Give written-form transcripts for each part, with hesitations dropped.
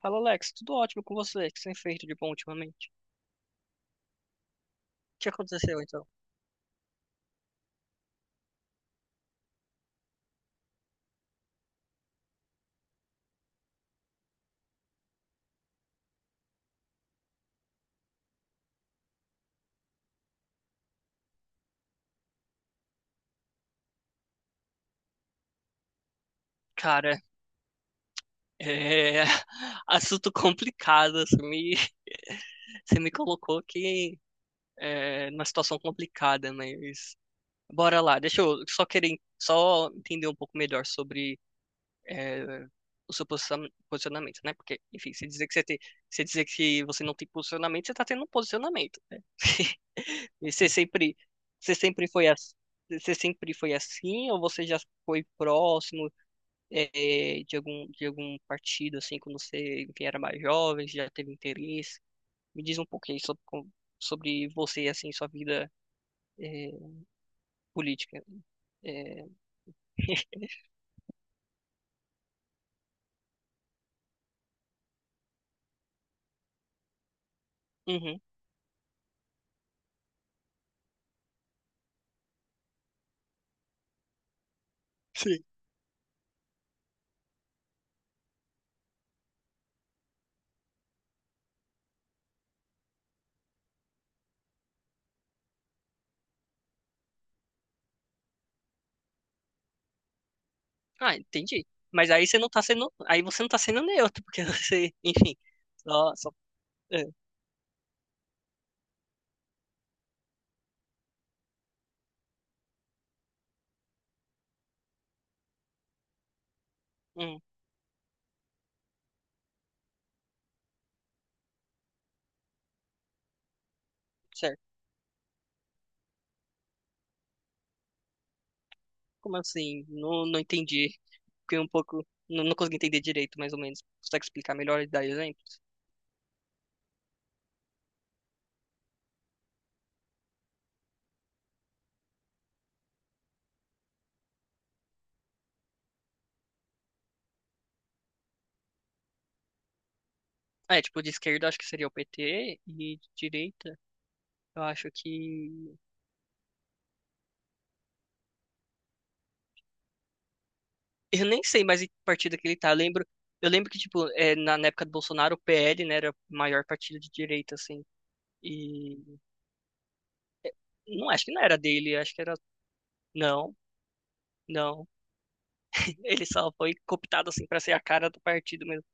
Fala, Alex, tudo ótimo com você? O que você tem feito de bom ultimamente? O que aconteceu, então? Cara, é... Assunto complicado, você me. Você me colocou aqui numa situação complicada, mas... Bora lá, deixa eu só querer... Só entender um pouco melhor sobre é, o seu posicionamento, né? Porque, enfim, se dizer que você tem, se dizer que você não tem posicionamento, você tá tendo um posicionamento, né? E você sempre foi assim, você sempre foi assim, ou você já foi próximo de algum partido assim, quando você enfim, era mais jovem, já teve interesse? Me diz um pouquinho sobre sobre você assim, sua vida é, política. É, uhum. Ah, entendi. Mas aí você não tá sendo. Aí você não tá sendo neutro, porque você, enfim, só. é, hum, certo. Como assim? Não, não entendi. Fiquei um pouco. Não, não consegui entender direito, mais ou menos. Consegue explicar melhor e dar exemplos? Ah, é, tipo, de esquerda eu acho que seria o PT, e de direita eu acho que. Eu nem sei mais em que partido que ele tá. Eu lembro que, tipo, é, na época do Bolsonaro, o PL, né, era o maior partido de direita, assim. E. Não, acho que não era dele, acho que era. Não. Não, ele só foi cooptado assim pra ser a cara do partido mesmo.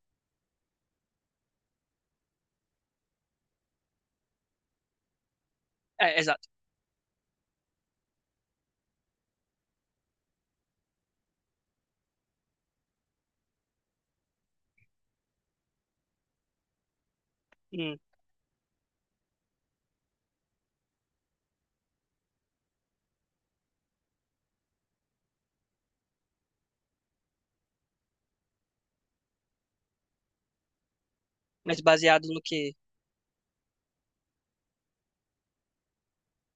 É, exato. Hum. Mas baseado no quê?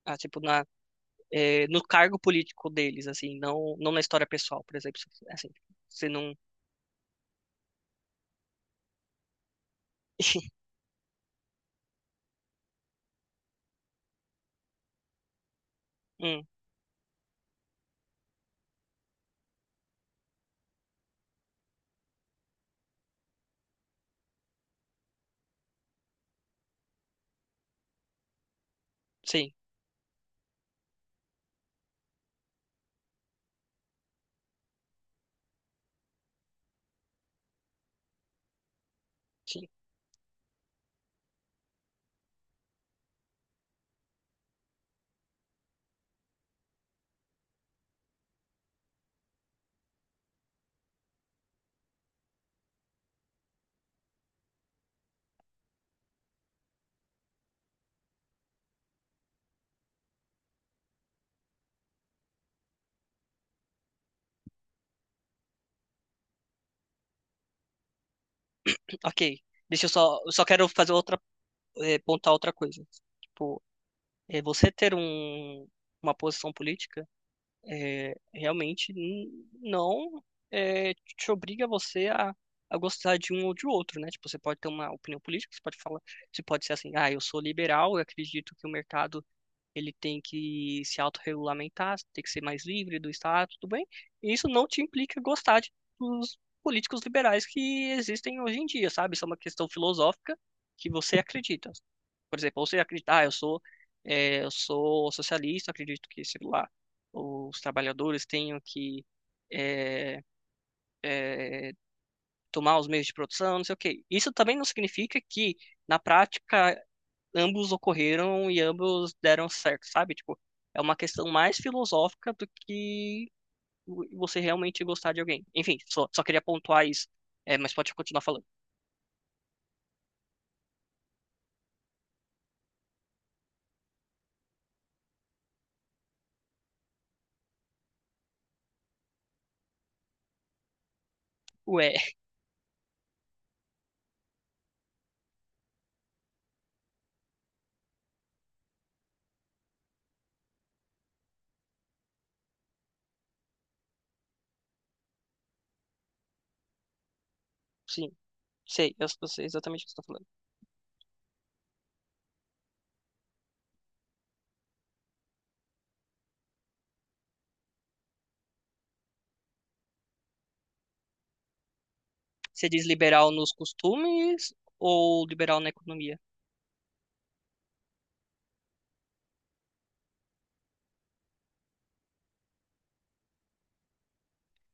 Ah, tipo, na, é, no cargo político deles, assim, não, não na história pessoal, por exemplo. Assim, você não. Hum, sim, sim. Ok. Deixa eu só. Eu só quero fazer outra. É, pontar outra coisa. Tipo, é, você ter um, uma posição política. Realmente não te obriga você a gostar de um ou de outro, né? Tipo, você pode ter uma opinião política, você pode falar, você pode ser assim, ah, eu sou liberal, eu acredito que o mercado ele tem que se autorregulamentar, tem que ser mais livre do Estado, tudo bem? E isso não te implica gostar de, dos políticos liberais que existem hoje em dia, sabe? Isso é uma questão filosófica que você acredita. Por exemplo, você acreditar, ah, eu sou, eu sou socialista, acredito que, sei lá, os trabalhadores tenham que eh, eh, tomar os meios de produção, não sei o quê. Isso também não significa que, na prática, ambos ocorreram e ambos deram certo, sabe? Tipo, é uma questão mais filosófica do que você realmente gostar de alguém. Enfim, só queria pontuar isso. É, mas pode continuar falando. Ué, sim, sei, eu sei exatamente o que você tá falando. Você diz liberal nos costumes ou liberal na economia?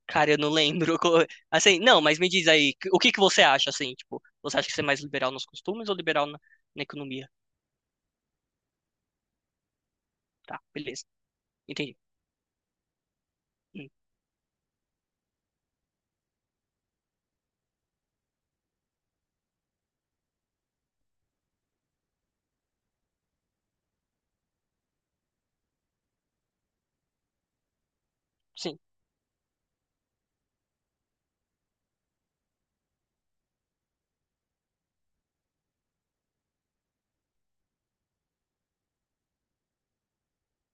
Cara, eu não lembro. Assim, não, mas me diz aí, o que que você acha, assim, tipo, você acha que você é mais liberal nos costumes ou liberal na economia? Tá, beleza, entendi. Hum, Sim,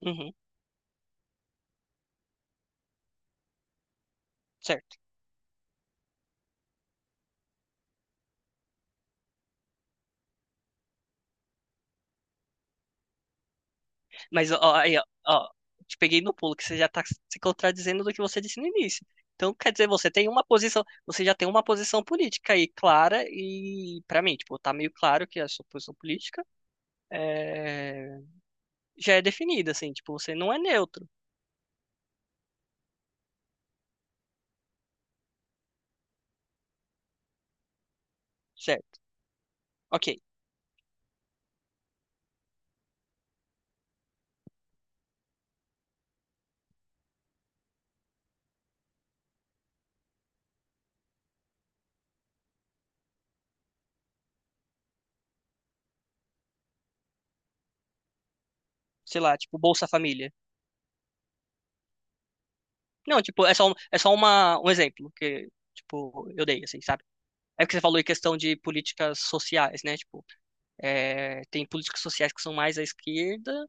uhum, certo. Mas ó, aí, ó, ó, te peguei no pulo, que você já tá se contradizendo do que você disse no início. Então, quer dizer, você tem uma posição, você já tem uma posição política aí clara e, pra mim, tipo, tá meio claro que a sua posição política é, já é definida, assim, tipo, você não é neutro, certo? Ok, sei lá, tipo, Bolsa Família. Não, tipo, é só, é só uma, um exemplo que, tipo, eu dei, assim, sabe? É porque você falou em questão de políticas sociais, né? Tipo, tem políticas sociais que são mais à esquerda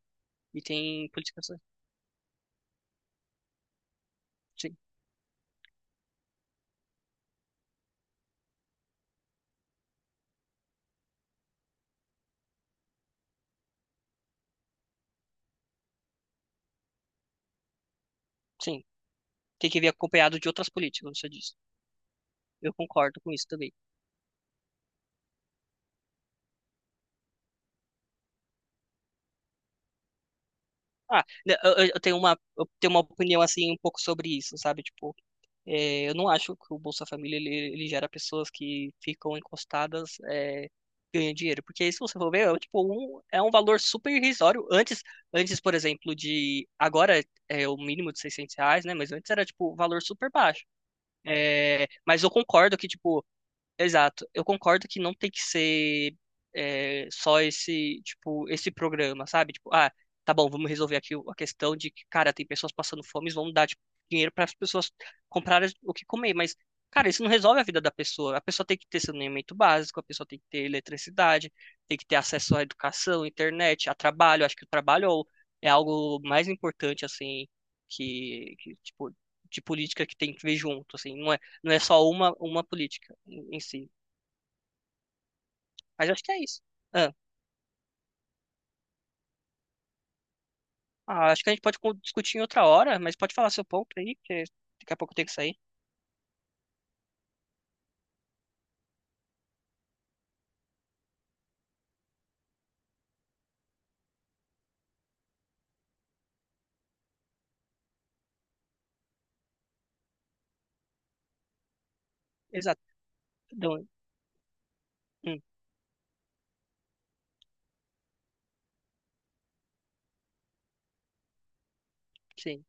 e tem políticas. Sim, sim. Tem que vir acompanhado de outras políticas, você disse. Eu concordo com isso também. Ah, né, eu tenho uma opinião assim um pouco sobre isso, sabe? Tipo, é, eu não acho que o Bolsa Família ele gera pessoas que ficam encostadas, é, ganham dinheiro, porque se você for ver, é tipo um, é um valor super irrisório. Antes, antes, por exemplo, de agora é o mínimo de R$ 600, né? Mas antes era tipo um valor super baixo. É, mas eu concordo que tipo exato. Eu concordo que não tem que ser é, só esse, tipo, esse programa, sabe? Tipo, ah, tá bom, vamos resolver aqui a questão de que, cara, tem pessoas passando fome, vamos dar, tipo, dinheiro para as pessoas comprarem o que comer, mas, cara, isso não resolve a vida da pessoa. A pessoa tem que ter saneamento básico, a pessoa tem que ter eletricidade, tem que ter acesso à educação, internet, a trabalho. Acho que o trabalho é é algo mais importante, assim, que, tipo, de política que tem que ver junto, assim, não é, não é só uma política em si. Mas acho que é isso. Ah, ah, acho que a gente pode discutir em outra hora, mas pode falar seu ponto aí, que daqui a pouco eu tenho que sair. Exato. Não, hum, sim,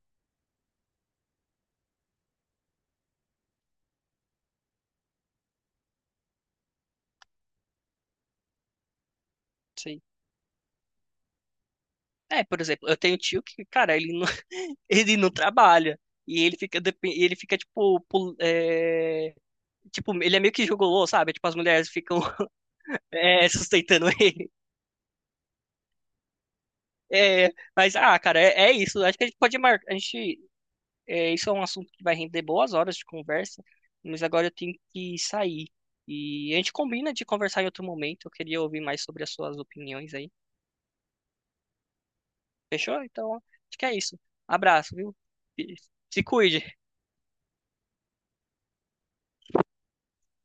sim. É, por exemplo, eu tenho um tio que, cara, ele não, ele não trabalha. E ele fica, e ele fica tipo, é, tipo, ele é meio que gigolô, sabe? Tipo, as mulheres ficam é, sustentando ele. É, mas, ah, cara, é, é isso. Acho que a gente pode marcar. A gente é, isso é um assunto que vai render boas horas de conversa, mas agora eu tenho que sair. E a gente combina de conversar em outro momento. Eu queria ouvir mais sobre as suas opiniões aí. Fechou? Então, acho que é isso. Abraço, viu? Se se cuide.